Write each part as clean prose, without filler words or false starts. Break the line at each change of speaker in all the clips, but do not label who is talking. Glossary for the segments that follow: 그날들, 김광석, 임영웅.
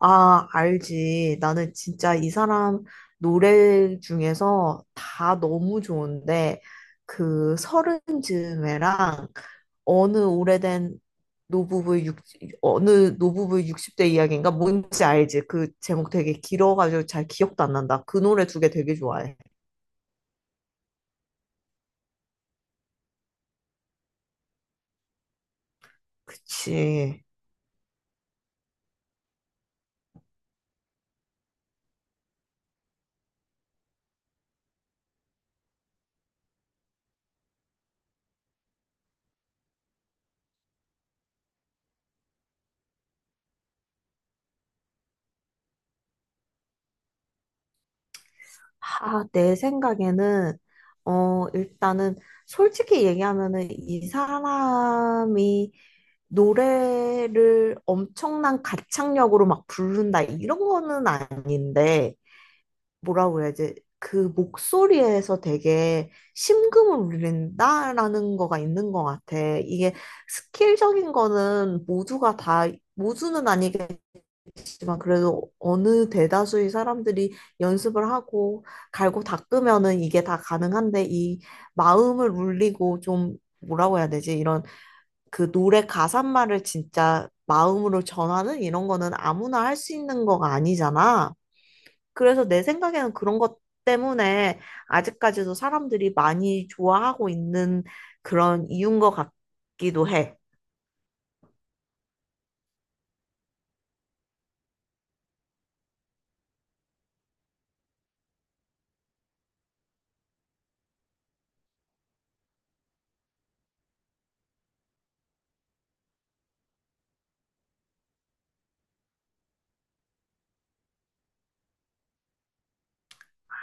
아, 알지. 나는 진짜 이 사람 노래 중에서 다 너무 좋은데, 그 서른 즈음에랑 어느 오래된 노부부의 육, 어느 노부부의 60대 이야기인가? 뭔지 알지? 그 제목 되게 길어가지고 잘 기억도 안 난다. 그 노래 2개 되게 좋아해. 그치. 아, 내 생각에는, 일단은 솔직히 얘기하면은 이 사람이 노래를 엄청난 가창력으로 막 부른다 이런 거는 아닌데 뭐라고 해야지 그 목소리에서 되게 심금을 울린다라는 거가 있는 것 같아. 이게 스킬적인 거는 모두가 다 모두는 아니겠지만 그래도 어느 대다수의 사람들이 연습을 하고 갈고 닦으면은 이게 다 가능한데 이 마음을 울리고 좀 뭐라고 해야 되지 이런 그 노래 가사말을 진짜 마음으로 전하는 이런 거는 아무나 할 수 있는 거가 아니잖아. 그래서 내 생각에는 그런 것 때문에 아직까지도 사람들이 많이 좋아하고 있는 그런 이유인 것 같기도 해.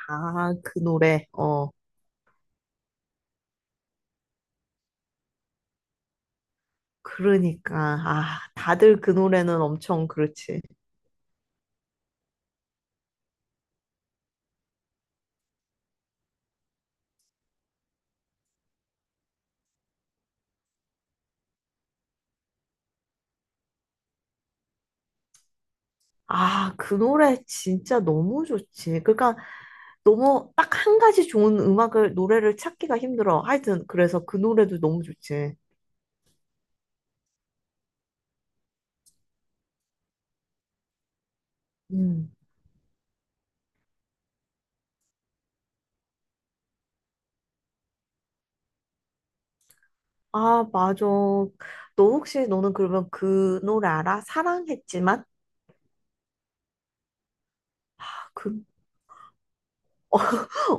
아, 그 노래. 그러니까. 아, 다들 그 노래는 엄청 그렇지. 아, 그 노래 진짜 너무 좋지. 그러니까 너무 딱 한 가지 좋은 음악을, 노래를 찾기가 힘들어. 하여튼, 그래서 그 노래도 너무 좋지. 음. 아, 맞아. 너 혹시 너는 그러면 그 노래 알아? 사랑했지만? 아, 그,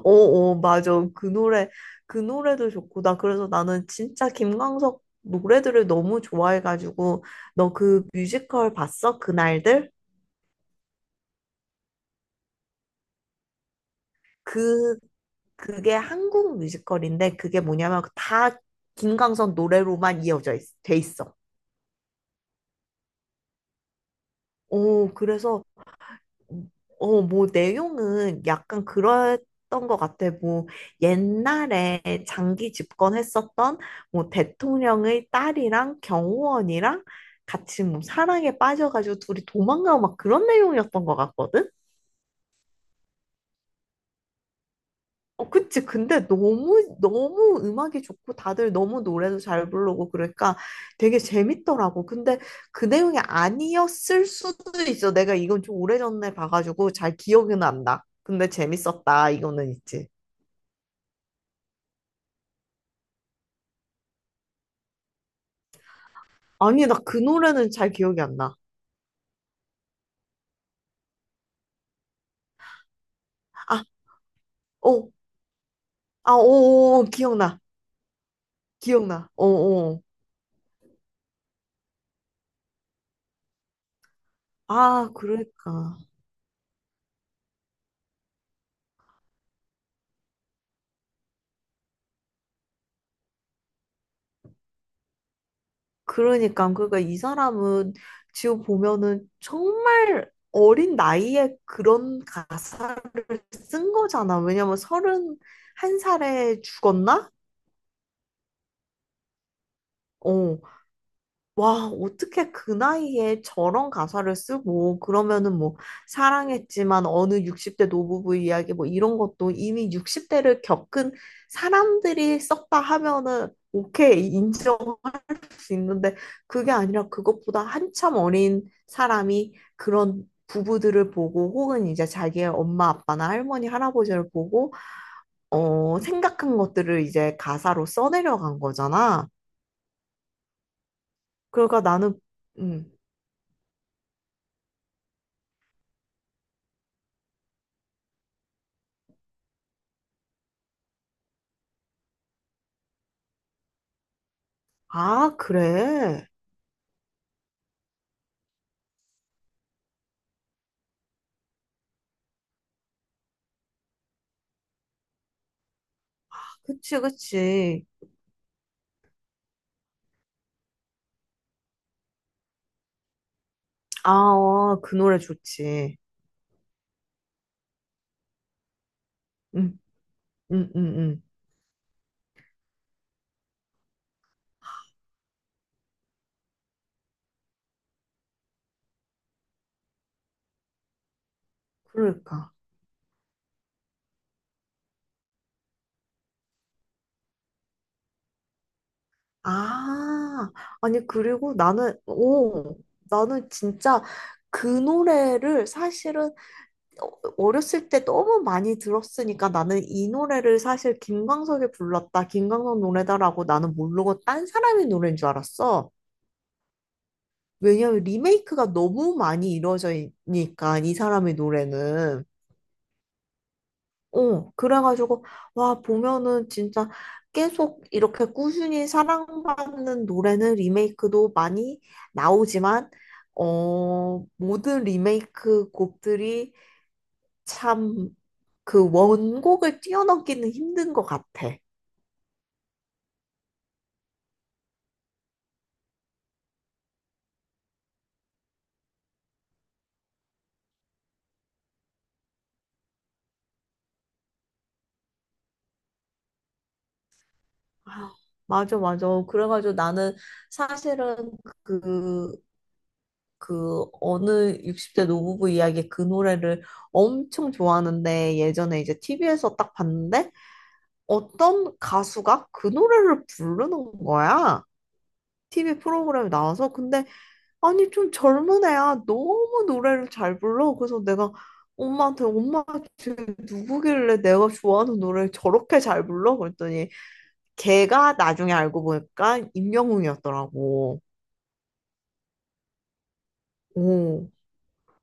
맞아. 그 노래도 좋고. 나 그래서 나는 진짜 김광석 노래들을 너무 좋아해가지고. 너 그 뮤지컬 봤어? 그날들? 그, 그게 한국 뮤지컬인데 그게 뭐냐면 다 김광석 노래로만 돼 있어. 오, 그래서 뭐, 내용은 약간 그랬던 것 같아. 뭐, 옛날에 장기 집권했었던 뭐, 대통령의 딸이랑 경호원이랑 같이 뭐, 사랑에 빠져가지고 둘이 도망가고 막 그런 내용이었던 것 같거든? 어, 그치. 근데 너무, 너무 음악이 좋고 다들 너무 노래도 잘 부르고 그러니까 되게 재밌더라고. 근데 그 내용이 아니었을 수도 있어. 내가 이건 좀 오래전에 봐가지고 잘 기억은 안 나. 근데 재밌었다. 이거는 있지. 아니, 나 그 노래는 잘 기억이 안 나. 아, 어, 아, 오, 오, 기억나. 기억나. 어, 어. 아, 그러니까. 그러니까 이 사람은 지금 보면은 정말 어린 나이에 그런 가사 쓴 거잖아. 왜냐면 서른 한 살에 죽었나? 어, 와, 어떻게 그 나이에 저런 가사를 쓰고, 그러면은 뭐, 사랑했지만 어느 60대 노부부 이야기 뭐 이런 것도 이미 60대를 겪은 사람들이 썼다 하면은, 오케이, 인정할 수 있는데, 그게 아니라 그것보다 한참 어린 사람이 그런 부부들을 보고, 혹은 이제 자기의 엄마, 아빠나 할머니, 할아버지를 보고, 생각한 것들을 이제 가사로 써내려간 거잖아. 그러니까 나는, 음, 아, 그래. 그치, 그치. 아, 그 노래 좋지. 응, 응, 응, 응. 그러니까. 아, 아니, 그리고 나는 진짜 그 노래를 사실은 어- 어렸을 때 너무 많이 들었으니까 나는 이 노래를 사실 김광석이 불렀다, 김광석 노래다라고 나는 모르고 딴 사람의 노래인 줄 알았어. 왜냐면 리메이크가 너무 많이 이루어져 있으니까 이 사람의 노래는 그래가지고 와 보면은 진짜 계속 이렇게 꾸준히 사랑받는 노래는 리메이크도 많이 나오지만 모든 리메이크 곡들이 참 그 원곡을 뛰어넘기는 힘든 것 같아. 아, 맞아 맞아. 그래가지고 나는 사실은 그 그 어느 60대 노부부 이야기 그 노래를 엄청 좋아하는데 예전에 이제 TV에서 딱 봤는데 어떤 가수가 그 노래를 부르는 거야. TV 프로그램에 나와서 근데 아니 좀 젊은 애야 너무 노래를 잘 불러. 그래서 내가 엄마한테 엄마 지금 누구길래 내가 좋아하는 노래를 저렇게 잘 불러? 그랬더니 걔가 나중에 알고 보니까 임영웅이었더라고. 오.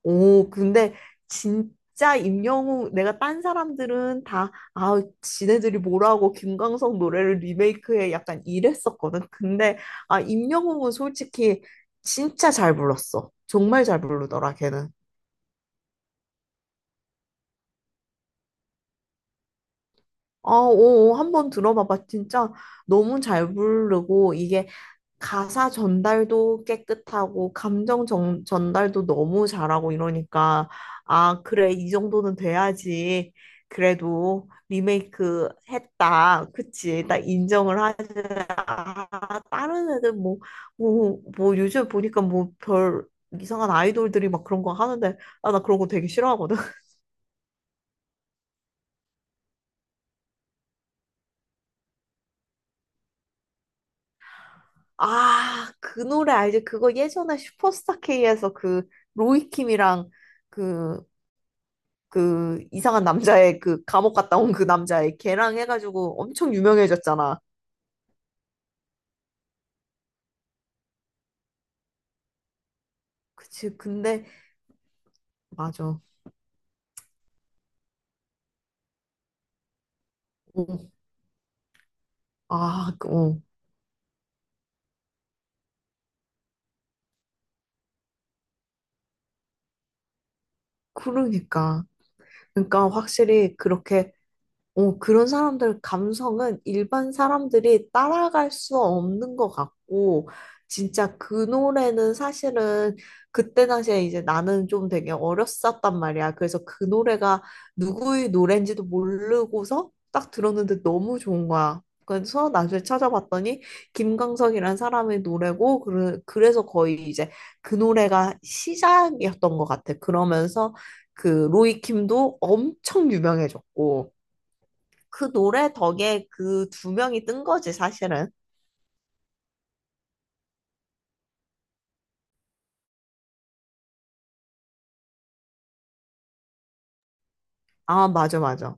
오, 근데 진짜 임영웅, 내가 딴 사람들은 다, 아, 지네들이 뭐라고 김광석 노래를 리메이크해 약간 이랬었거든. 근데, 아, 임영웅은 솔직히 진짜 잘 불렀어. 정말 잘 부르더라, 걔는. 아, 오, 오, 한번 들어봐봐. 진짜 너무 잘 부르고, 이게 가사 전달도 깨끗하고 감정 전달도 너무 잘하고 이러니까 아 그래 이 정도는 돼야지 그래도 리메이크 했다 그치 나 인정을 하자. 아, 다른 애들 뭐 요즘 보니까 뭐 별 이상한 아이돌들이 막 그런 거 하는데 아 나 그런 거 되게 싫어하거든 아 그 노래 알지 그거 예전에 슈퍼스타 K에서 그 로이킴이랑 그 그 이상한 남자의 그 감옥 갔다 온 그 남자의 걔랑 해가지고 엄청 유명해졌잖아. 그치. 근데 맞아. 어. 아. 그러니까. 그러니까 확실히 그렇게 그런 사람들 감성은 일반 사람들이 따라갈 수 없는 것 같고, 진짜 그 노래는 사실은 그때 당시에 이제 나는 좀 되게 어렸었단 말이야. 그래서 그 노래가 누구의 노래인지도 모르고서 딱 들었는데 너무 좋은 거야. 그래서 나중에 찾아봤더니 김광석이라는 사람의 노래고, 그래서 거의 이제 그 노래가 시작이었던 것 같아. 그러면서 그 로이킴도 엄청 유명해졌고, 그 노래 덕에 그 2명이 뜬 거지, 사실은. 아, 맞아, 맞아.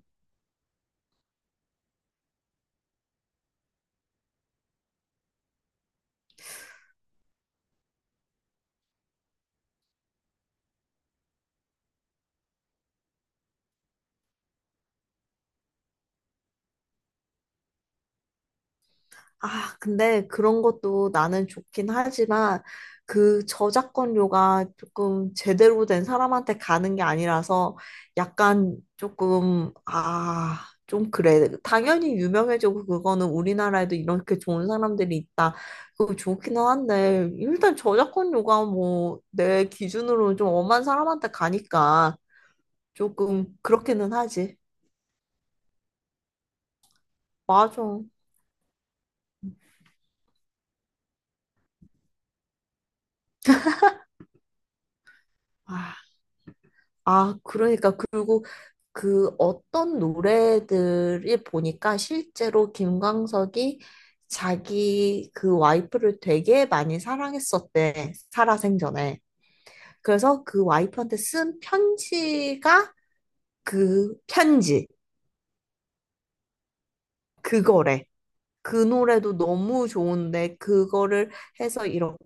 아, 근데 그런 것도 나는 좋긴 하지만 그 저작권료가 조금 제대로 된 사람한테 가는 게 아니라서 약간 조금, 아, 좀 그래. 당연히 유명해지고 그거는 우리나라에도 이렇게 좋은 사람들이 있다. 그거 좋기는 한데 일단 저작권료가 뭐 내 기준으로는 좀 엄한 사람한테 가니까 조금 그렇기는 하지. 맞아. 아, 아, 그러니까 그리고 그 어떤 노래들이 보니까 실제로 김광석이 자기 그 와이프를 되게 많이 사랑했었대. 살아생전에. 그래서 그 와이프한테 쓴 편지가 그 편지 그거래. 그 노래도 너무 좋은데 그거를 해서 이렇게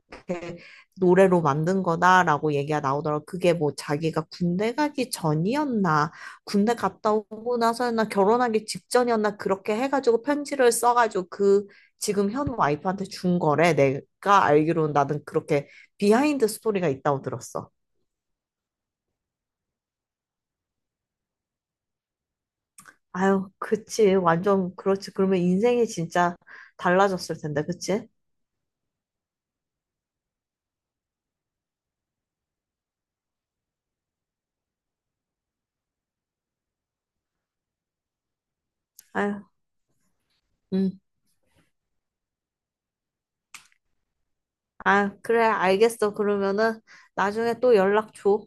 노래로 만든 거다라고 얘기가 나오더라고. 그게 뭐 자기가 군대 가기 전이었나, 군대 갔다 오고 나서였나, 결혼하기 직전이었나 그렇게 해가지고 편지를 써가지고 그 지금 현 와이프한테 준 거래. 내가 알기로는 나는 그렇게 비하인드 스토리가 있다고 들었어. 아유, 그치. 완전 그렇지. 그러면 인생이 진짜 달라졌을 텐데, 그치? 아유. 음. 아, 그래, 알겠어. 그러면은 나중에 또 연락 줘.